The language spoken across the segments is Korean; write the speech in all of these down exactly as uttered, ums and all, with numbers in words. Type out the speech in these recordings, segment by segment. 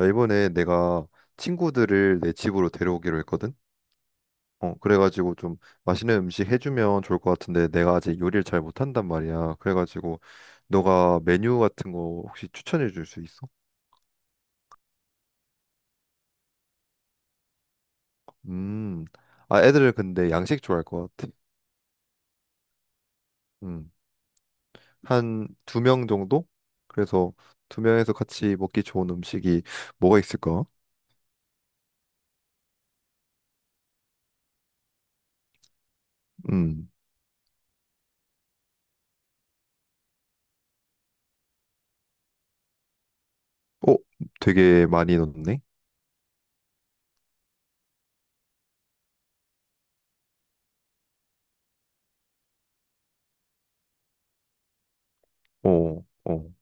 야, 이번에 내가 친구들을 내 집으로 데려오기로 했거든? 어, 그래가지고 좀 맛있는 음식 해주면 좋을 것 같은데 내가 아직 요리를 잘 못한단 말이야. 그래가지고 너가 메뉴 같은 거 혹시 추천해 줄 수 있어? 음, 아, 애들은 근데 양식 좋아할 것 같아. 음, 한 두 명 정도? 그래서 두 명에서 같이 먹기 좋은 음식이 뭐가 있을까? 음, 어, 되게 많이 넣네? 어, 어,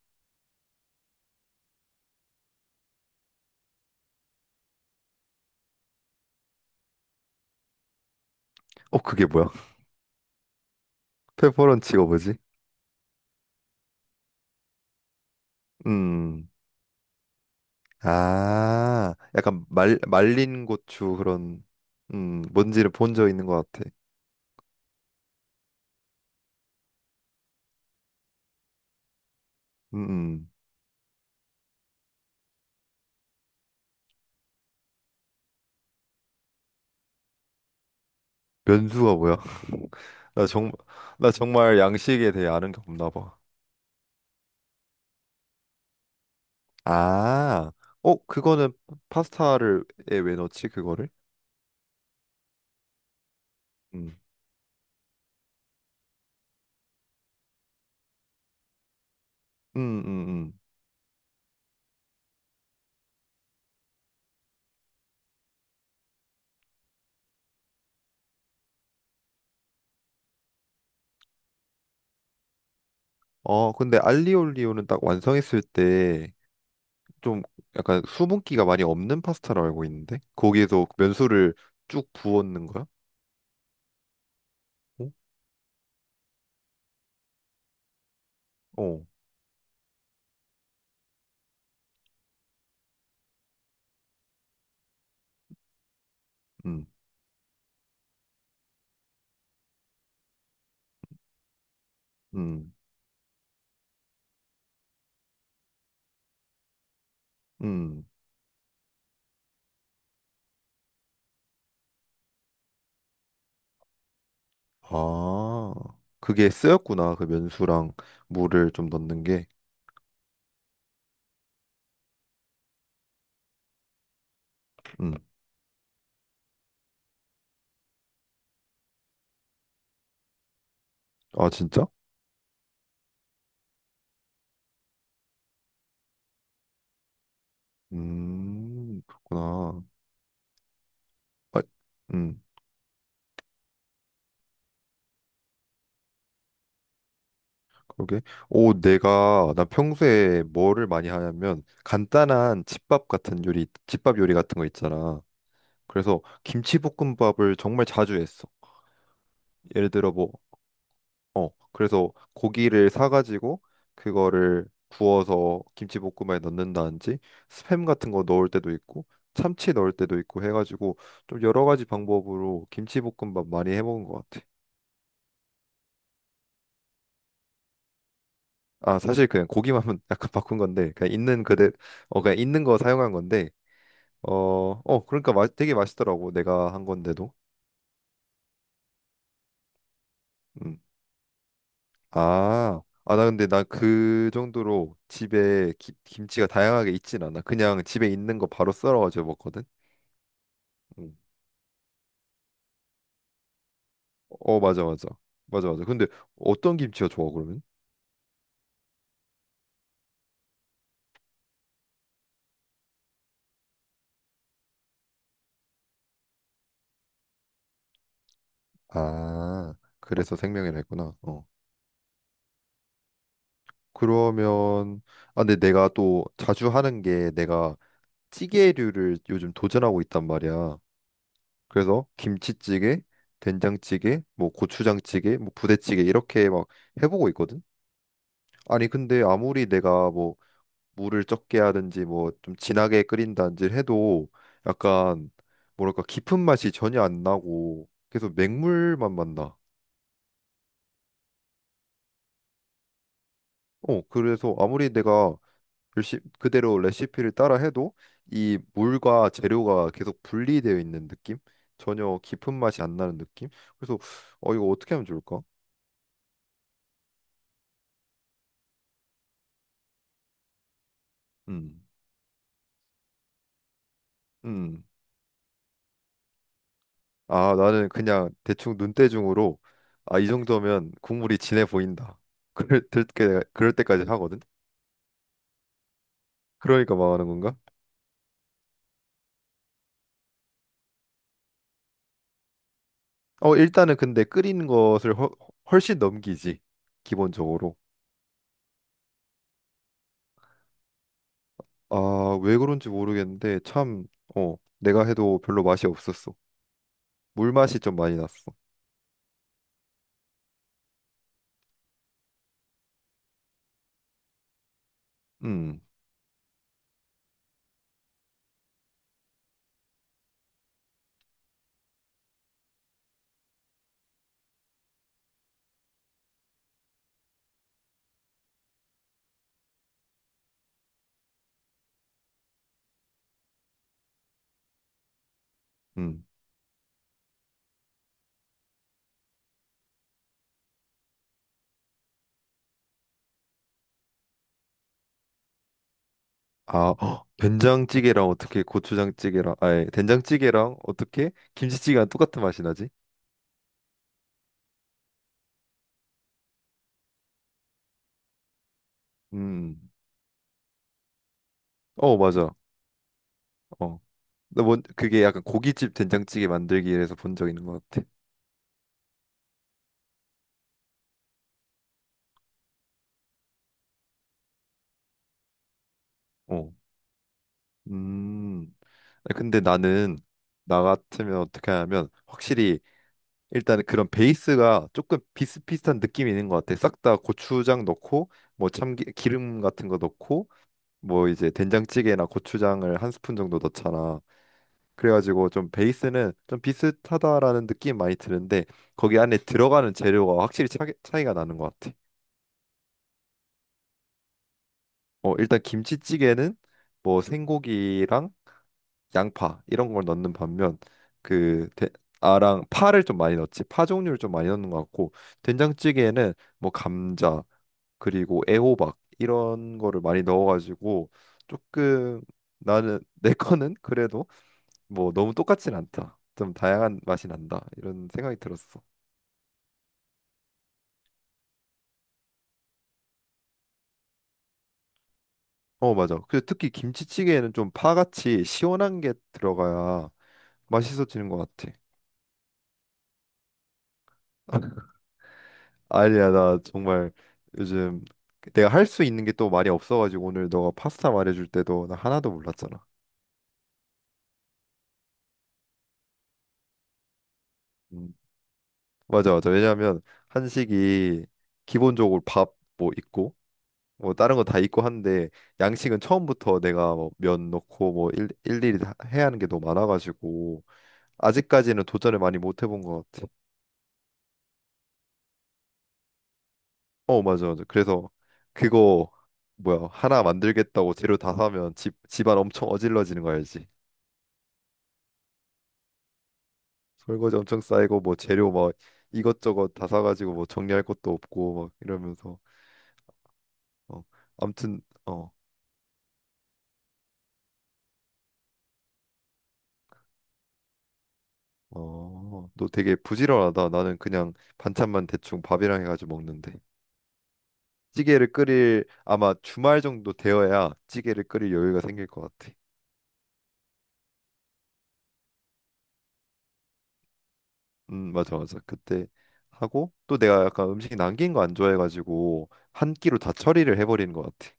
어, 그게 뭐야? 페퍼런치가 뭐지? 음 아, 약간 말, 말린 고추 그런. 음, 뭔지를 본 적 있는 것 같아. 음, 음. 면수가 뭐야? 나 정, 나 정말 양식에 대해 아는 게 없나 봐. 아, 어, 그거는 파스타를, 에왜 넣지, 그거를? 음, 음, 음, 음. 어, 근데 알리올리오는 딱 완성했을 때 좀 약간 수분기가 많이 없는 파스타로 알고 있는데? 거기에서 면수를 쭉 부었는 거야? 어, 어, 음, 음, 음. 아, 그게 쓰였구나. 그 면수랑 물을 좀 넣는 게. 음. 아, 진짜? 음, 그렇구나. 아, 음, 그러게. 오, 내가, 나 평소에 뭐를 많이 하냐면, 간단한 집밥 같은 요리, 집밥 요리 같은 거 있잖아. 그래서 김치볶음밥을 정말 자주 했어. 예를 들어 뭐 어, 그래서 고기를 사가지고 그거를 구워서 김치볶음에 넣는다든지 스팸 같은 거 넣을 때도 있고 참치 넣을 때도 있고 해가지고 좀 여러 가지 방법으로 김치볶음밥 많이 해먹은 것 같아. 아, 사실 그냥 고기만 약간 바꾼 건데 그냥 있는 그대 어 그냥 있는 거 사용한 건데 어, 어 그러니까 맛 되게 맛있더라고 내가 한 건데도. 음. 아, 아, 나 근데 나 그 정도로 집에 기- 김치가 다양하게 있진 않아. 그냥 집에 있는 거 바로 썰어가지고 먹거든. 음. 어, 맞아, 맞아, 맞아, 맞아. 근데 어떤 김치가 좋아 그러면 아, 어, 그래서 생명이라 했구나. 어. 그러면 아, 근데 내가 또 자주 하는 게 내가 찌개류를 요즘 도전하고 있단 말이야. 그래서 김치찌개, 된장찌개, 뭐 고추장찌개 뭐 부대찌개 이렇게 막 해보고 있거든. 아니, 근데 아무리 내가 뭐 물을 적게 하든지 뭐 좀 진하게 끓인다든지 해도 약간 뭐랄까 깊은 맛이 전혀 안 나고 계속 맹물만 만나. 어, 그래서 아무리 내가 열심 그대로 레시피를 따라 해도 이 물과 재료가 계속 분리되어 있는 느낌? 전혀 깊은 맛이 안 나는 느낌? 그래서 어 이거 어떻게 하면 좋을까? 음. 음. 아, 나는 그냥 대충 눈대중으로 아, 이 정도면 국물이 진해 보인다. 그럴 때 그럴 때까지 하거든. 그러니까 망하는 건가? 어, 일단은 근데 끓이는 것을 훨- 훨씬 넘기지, 기본적으로. 아, 왜 그런지 모르겠는데 참. 어, 내가 해도 별로 맛이 없었어. 물맛이 좀 많이 났어. 음, 음. 아, 헉, 된장찌개랑 어떻게 고추장찌개랑, 아니, 된장찌개랑 어떻게 김치찌개랑 똑같은 맛이 나지? 음, 음. 어, 맞아. 어, 나 뭔, 그게 약간 고깃집 된장찌개 만들기에서 본 적 있는 것 같아. 어, 음. 근데 나는 나 같으면 어떻게 하냐면 확실히 일단 그런 베이스가 조금 비슷비슷한 느낌이 있는 것 같아. 싹 다 고추장 넣고 뭐 참기 기름 같은 거 넣고 뭐 이제 된장찌개나 고추장을 한 스푼 정도 넣잖아. 그래가지고 좀 베이스는 좀 비슷하다라는 느낌 많이 드는데 거기 안에 들어가는 재료가 확실히 차이, 차이가 나는 것 같아. 어 일단 김치찌개는 뭐 생고기랑 양파 이런 걸 넣는 반면 그 대- 아랑 파를 좀 많이 넣지, 파 종류를 좀 많이 넣는 것 같고 된장찌개에는 뭐 감자 그리고 애호박 이런 거를 많이 넣어가지고 조금 나는 내 거는 그래도 뭐 너무 똑같진 않다, 좀 다양한 맛이 난다 이런 생각이 들었어. 어, 맞아. 그 특히 김치찌개에는 좀 파같이 시원한 게 들어가야 맛있어지는 것 같아. 아니야, 나 정말 요즘 내가 할 수 있는 게 또 많이 없어가지고 오늘 너가 파스타 말해줄 때도 나 하나도 몰랐잖아. 음. 맞아, 맞아. 왜냐하면 한식이 기본적으로 밥 뭐 있고 뭐 다른 거 다 있고 한데 양식은 처음부터 내가 뭐 면 넣고 뭐 일, 일일이 다 해야 하는 게 너무 많아가지고 아직까지는 도전을 많이 못 해본 것 같아. 어, 맞아, 맞아. 그래서 그거 뭐야, 하나 만들겠다고 재료 다 사면 집 집안 엄청 어질러지는 거 알지? 설거지 엄청 쌓이고 뭐 재료 막 이것저것 다 사가지고 뭐 정리할 것도 없고 막 이러면서 어 아무튼. 어어너 되게 부지런하다. 나는 그냥 반찬만 대충 밥이랑 해가지고 먹는데 찌개를 끓일 아마 주말 정도 되어야 찌개를 끓일 여유가 생길 것 같아. 음 맞아, 맞아. 그때 하고 또 내가 약간 음식 남긴 거 안 좋아해가지고 한 끼로 다 처리를 해버리는 것 같아.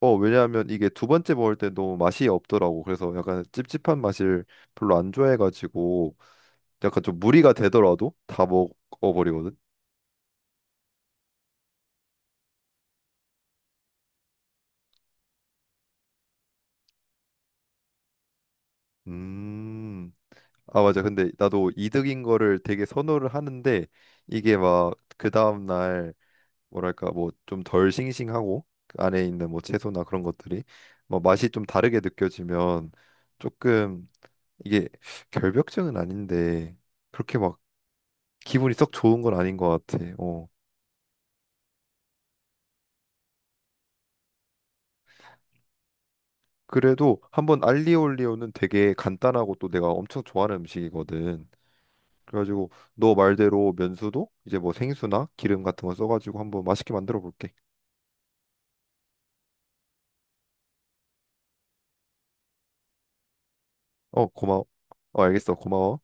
어, 왜냐하면 이게 두 번째 먹을 때 너무 맛이 없더라고. 그래서 약간 찝찝한 맛을 별로 안 좋아해가지고 약간 좀 무리가 되더라도 다 먹어버리거든. 음. 아, 맞아. 근데 나도 이득인 거를 되게 선호를 하는데 이게 막 그 다음 날 뭐랄까 뭐 좀 덜 싱싱하고 그 안에 있는 뭐 채소나 그런 것들이 뭐 맛이 좀 다르게 느껴지면 조금 이게 결벽증은 아닌데 그렇게 막 기분이 썩 좋은 건 아닌 것 같아. 어. 그래도 한번 알리올리오는 되게 간단하고 또 내가 엄청 좋아하는 음식이거든. 그래가지고 너 말대로 면수도 이제 뭐 생수나 기름 같은 거 써가지고 한번 맛있게 만들어 볼게. 어, 고마워. 어, 알겠어. 고마워.